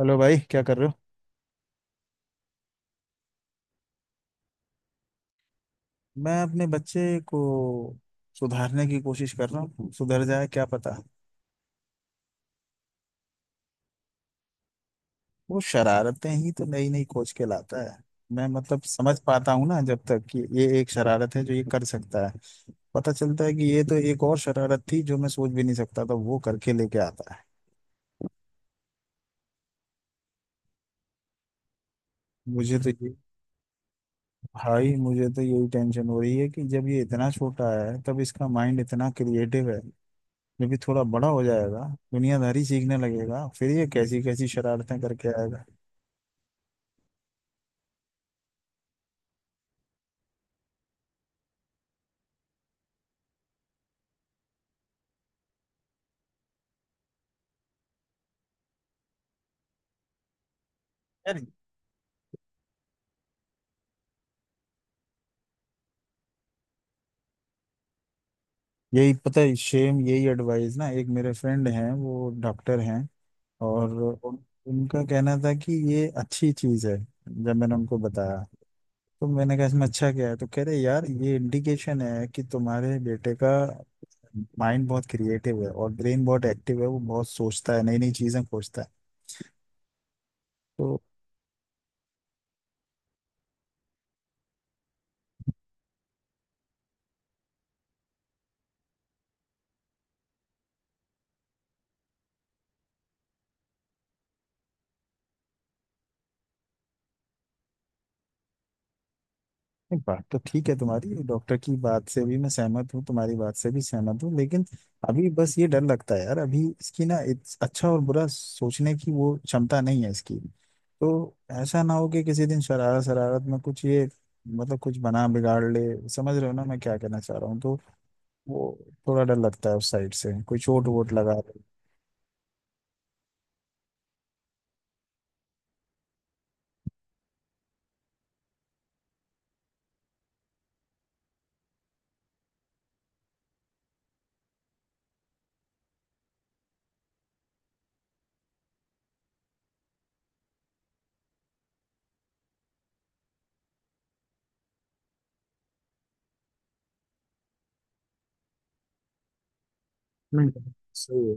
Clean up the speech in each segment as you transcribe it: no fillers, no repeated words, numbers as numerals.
Hello भाई, क्या कर रहे हो। मैं अपने बच्चे को सुधारने की कोशिश कर रहा हूँ, सुधर जाए क्या पता। वो शरारतें ही तो नई नई खोज के लाता है। मैं मतलब समझ पाता हूँ ना जब तक कि ये एक शरारत है जो ये कर सकता है, पता चलता है कि ये तो एक और शरारत थी जो मैं सोच भी नहीं सकता था वो करके लेके आता है। मुझे तो ये भाई, मुझे तो यही टेंशन हो रही है कि जब ये इतना छोटा है तब इसका माइंड इतना क्रिएटिव है, जब ये थोड़ा बड़ा हो जाएगा, दुनियादारी सीखने लगेगा, फिर ये कैसी कैसी शरारतें करके आएगा। यार, यही पता है, सेम यही एडवाइस ना। एक मेरे फ्रेंड हैं, वो डॉक्टर हैं, और उन, उनका कहना था कि ये अच्छी चीज़ है। जब मैंने उनको बताया तो मैंने कहा इसमें अच्छा क्या है, तो कह रहे यार ये इंडिकेशन है कि तुम्हारे बेटे का माइंड बहुत क्रिएटिव है और ब्रेन बहुत एक्टिव है, वो बहुत सोचता है, नई नई चीज़ें खोजता है तो। नहीं, बात तो ठीक है तुम्हारी, डॉक्टर की बात से भी मैं सहमत हूँ, तुम्हारी बात से भी सहमत हूँ, लेकिन अभी बस ये डर लगता है यार, अभी इसकी ना अच्छा और बुरा सोचने की वो क्षमता नहीं है इसकी। तो ऐसा ना हो कि किसी दिन शरारत शरारत में कुछ ये, मतलब कुछ बना बिगाड़ ले, समझ रहे हो ना मैं क्या कहना चाह रहा हूँ। तो वो थोड़ा डर लगता है उस साइड से, कोई चोट वोट लगा ले। नहीं, सही है,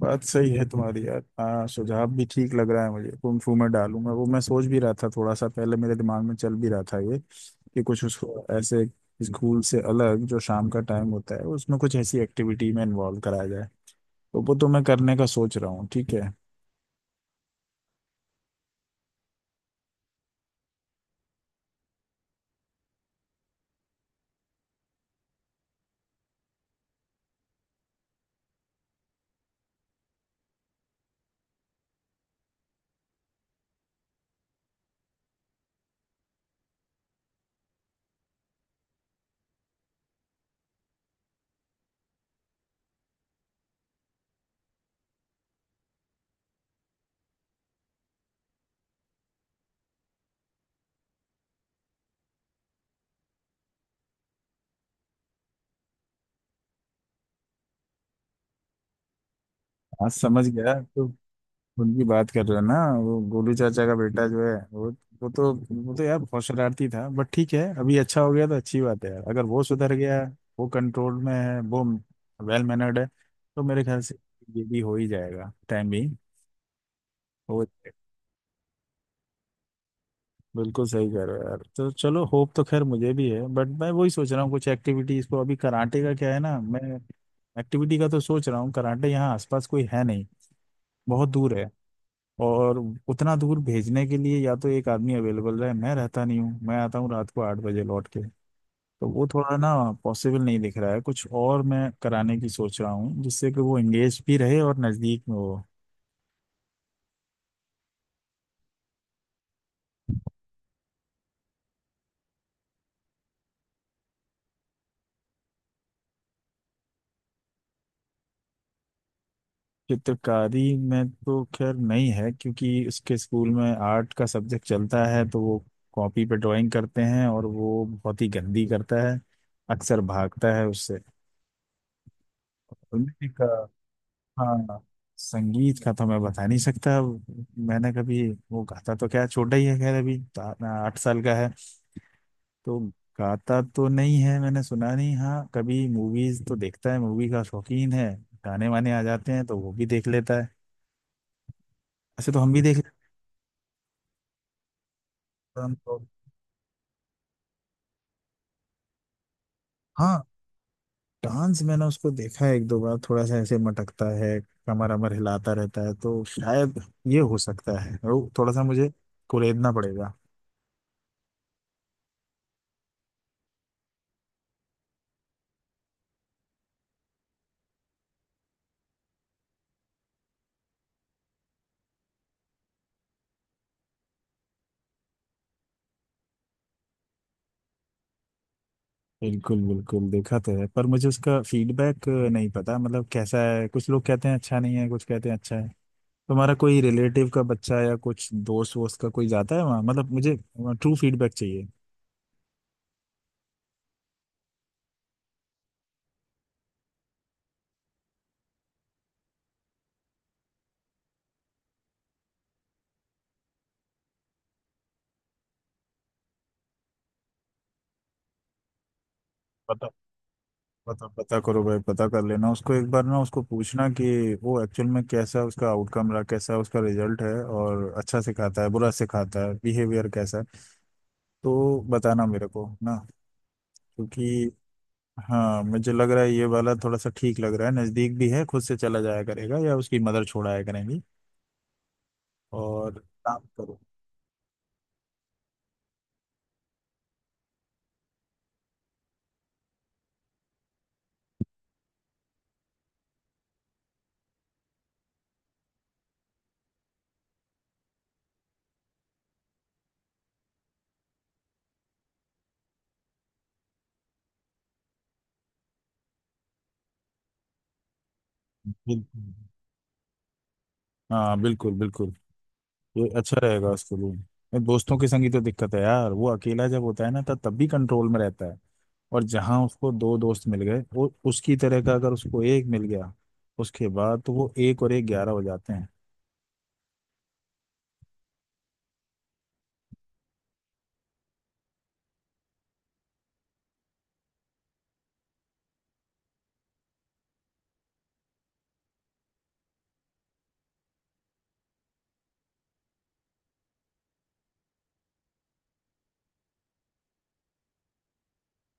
बात सही है तुम्हारी यार, हाँ सुझाव भी ठीक लग रहा है मुझे। कुंफू में डालूंगा वो, मैं सोच भी रहा था, थोड़ा सा पहले मेरे दिमाग में चल भी रहा था ये, कि कुछ उसको ऐसे स्कूल से अलग जो शाम का टाइम होता है उसमें कुछ ऐसी एक्टिविटी में इन्वॉल्व कराया जाए, तो वो तो मैं करने का सोच रहा हूँ, ठीक है। आज समझ गया तो, उनकी बात कर रहे हो ना, वो गोलू चाचा का बेटा जो है वो, वो तो वो तो यार बहुत शरारती था, बट ठीक है अभी अच्छा हो गया तो अच्छी बात है यार, अगर वो सुधर गया, वो कंट्रोल में है, वो वेल मैनर्ड है, तो मेरे ख्याल से ये भी हो ही जाएगा, टाइम भी हो जाएगा। बिल्कुल सही कह रहे हो यार, तो चलो होप तो खैर मुझे भी है, बट मैं वही सोच रहा हूँ कुछ एक्टिविटीज को। अभी कराटे का क्या है ना, मैं एक्टिविटी का तो सोच रहा हूँ, कराटे यहाँ आसपास कोई है नहीं, बहुत दूर है। और उतना दूर भेजने के लिए या तो एक आदमी अवेलेबल रहे, मैं रहता नहीं हूँ, मैं आता हूँ रात को 8 बजे लौट के, तो वो थोड़ा ना पॉसिबल नहीं दिख रहा है। कुछ और मैं कराने की सोच रहा हूँ जिससे कि वो एंगेज भी रहे और नज़दीक में हो। चित्रकारी में तो खैर नहीं है क्योंकि उसके स्कूल में आर्ट का सब्जेक्ट चलता है तो वो कॉपी पे ड्राइंग करते हैं और वो बहुत ही गंदी करता है, अक्सर भागता है उससे। उनका, हाँ, संगीत का तो मैं बता नहीं सकता, मैंने कभी, वो गाता तो क्या छोटा ही है खैर, अभी तो 8 साल का है तो। गाता तो नहीं है, मैंने सुना नहीं, हाँ कभी मूवीज तो देखता है, मूवी का शौकीन है, गाने वाने आ जाते हैं तो वो भी देख लेता है। ऐसे तो हम भी देख लेते हैं, हम तो। हाँ, डांस मैंने उसको देखा है एक दो बार, थोड़ा सा ऐसे मटकता है, कमर अमर हिलाता रहता है, तो शायद ये हो सकता है, वो थोड़ा सा मुझे कुरेदना पड़ेगा। बिल्कुल बिल्कुल, देखा तो है पर मुझे उसका फीडबैक नहीं पता, मतलब कैसा है, कुछ लोग कहते हैं अच्छा नहीं है, कुछ कहते हैं अच्छा है। तुम्हारा कोई रिलेटिव का बच्चा या कुछ दोस्त वोस्त का कोई जाता है वहाँ, मतलब मुझे ट्रू फीडबैक चाहिए। पता, पता पता करो भाई, पता कर लेना उसको एक बार ना, उसको पूछना कि वो एक्चुअल में कैसा उसका आउटकम रहा, कैसा उसका रिजल्ट है, और अच्छा सिखाता है बुरा सिखाता है, बिहेवियर कैसा है, तो बताना मेरे को ना, क्योंकि। हाँ, मुझे लग रहा है ये वाला थोड़ा सा ठीक लग रहा है, नज़दीक भी है, खुद से चला जाया करेगा या उसकी मदर छोड़ाया करेंगी, और काम करो। बिल्कुल, हाँ बिल्कुल बिल्कुल, ये अच्छा रहेगा उसके लिए। ये दोस्तों के संग ही तो दिक्कत है यार, वो अकेला जब होता है ना तब तब भी कंट्रोल में रहता है, और जहाँ उसको दो दोस्त मिल गए, वो उसकी तरह का अगर उसको एक मिल गया, उसके बाद तो वो एक और एक ग्यारह हो जाते हैं।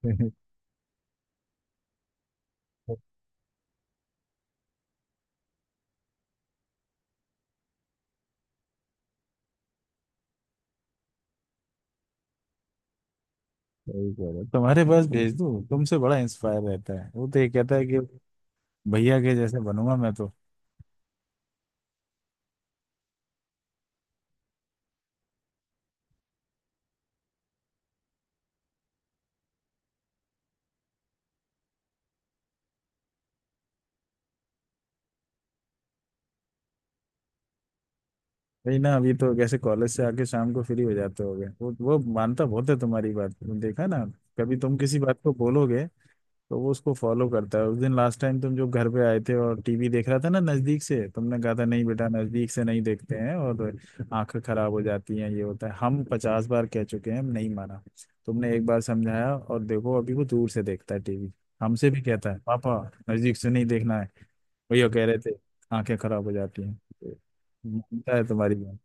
सही कह रहे हो। तुम्हारे पास भेज दूँ, तुमसे बड़ा इंस्पायर रहता है वो तो, ये कहता है कि भैया के जैसे बनूंगा मैं तो। वही ना, अभी तो कैसे कॉलेज से आके शाम को फ्री हो जाते होगे वो मानता बहुत है तुम्हारी बात, तुम देखा ना, कभी तुम किसी बात को बोलोगे तो वो उसको फॉलो करता है। उस दिन लास्ट टाइम तुम जो घर पे आए थे और टीवी देख रहा था ना नजदीक से, तुमने कहा था नहीं बेटा नजदीक से नहीं देखते हैं और आंखें खराब हो जाती हैं, ये होता है, हम 50 बार कह चुके हैं, हम नहीं माना। तुमने एक बार समझाया और देखो अभी वो दूर से देखता है टीवी, हमसे भी कहता है पापा नजदीक से नहीं देखना है, भैया कह रहे थे आंखें खराब हो जाती हैं, तो मानता है तुम्हारी बात।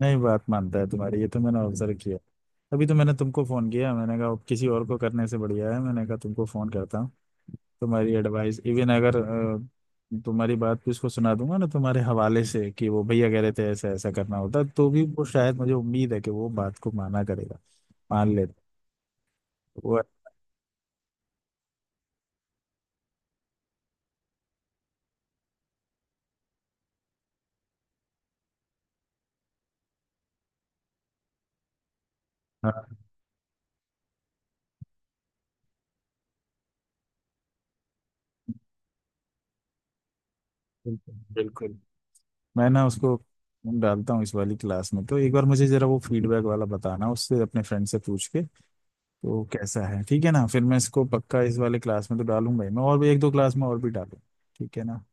नहीं, बात मानता है तुम्हारी, ये तो मैंने ऑब्जर्व किया। अभी तो मैंने तुमको फोन किया, मैंने कहा अब किसी और को करने से बढ़िया है, मैंने कहा तुमको फोन करता हूँ, तुम्हारी एडवाइस, इवन अगर तुम्हारी बात भी उसको सुना दूंगा ना तुम्हारे हवाले से कि वो भैया कह रहे थे ऐसा ऐसा करना, होता तो भी वो शायद मुझे उम्मीद है कि वो बात को माना करेगा, मान लेता वो। हाँ बिल्कुल बिल्कुल। मैं ना उसको डालता हूँ इस वाली क्लास में, तो एक बार मुझे जरा वो फीडबैक वाला बताना उससे अपने फ्रेंड से पूछ के, तो कैसा है, ठीक है ना। फिर मैं इसको पक्का इस वाले क्लास में तो डालूंगा ही, मैं और भी एक दो क्लास में और भी डालूंगा, ठीक है ना।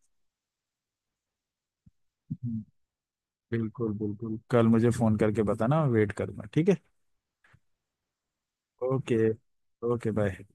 हम्म, बिल्कुल बिल्कुल कल मुझे फोन करके बताना, वेट करूंगा, ठीक है। Okay, okay bye.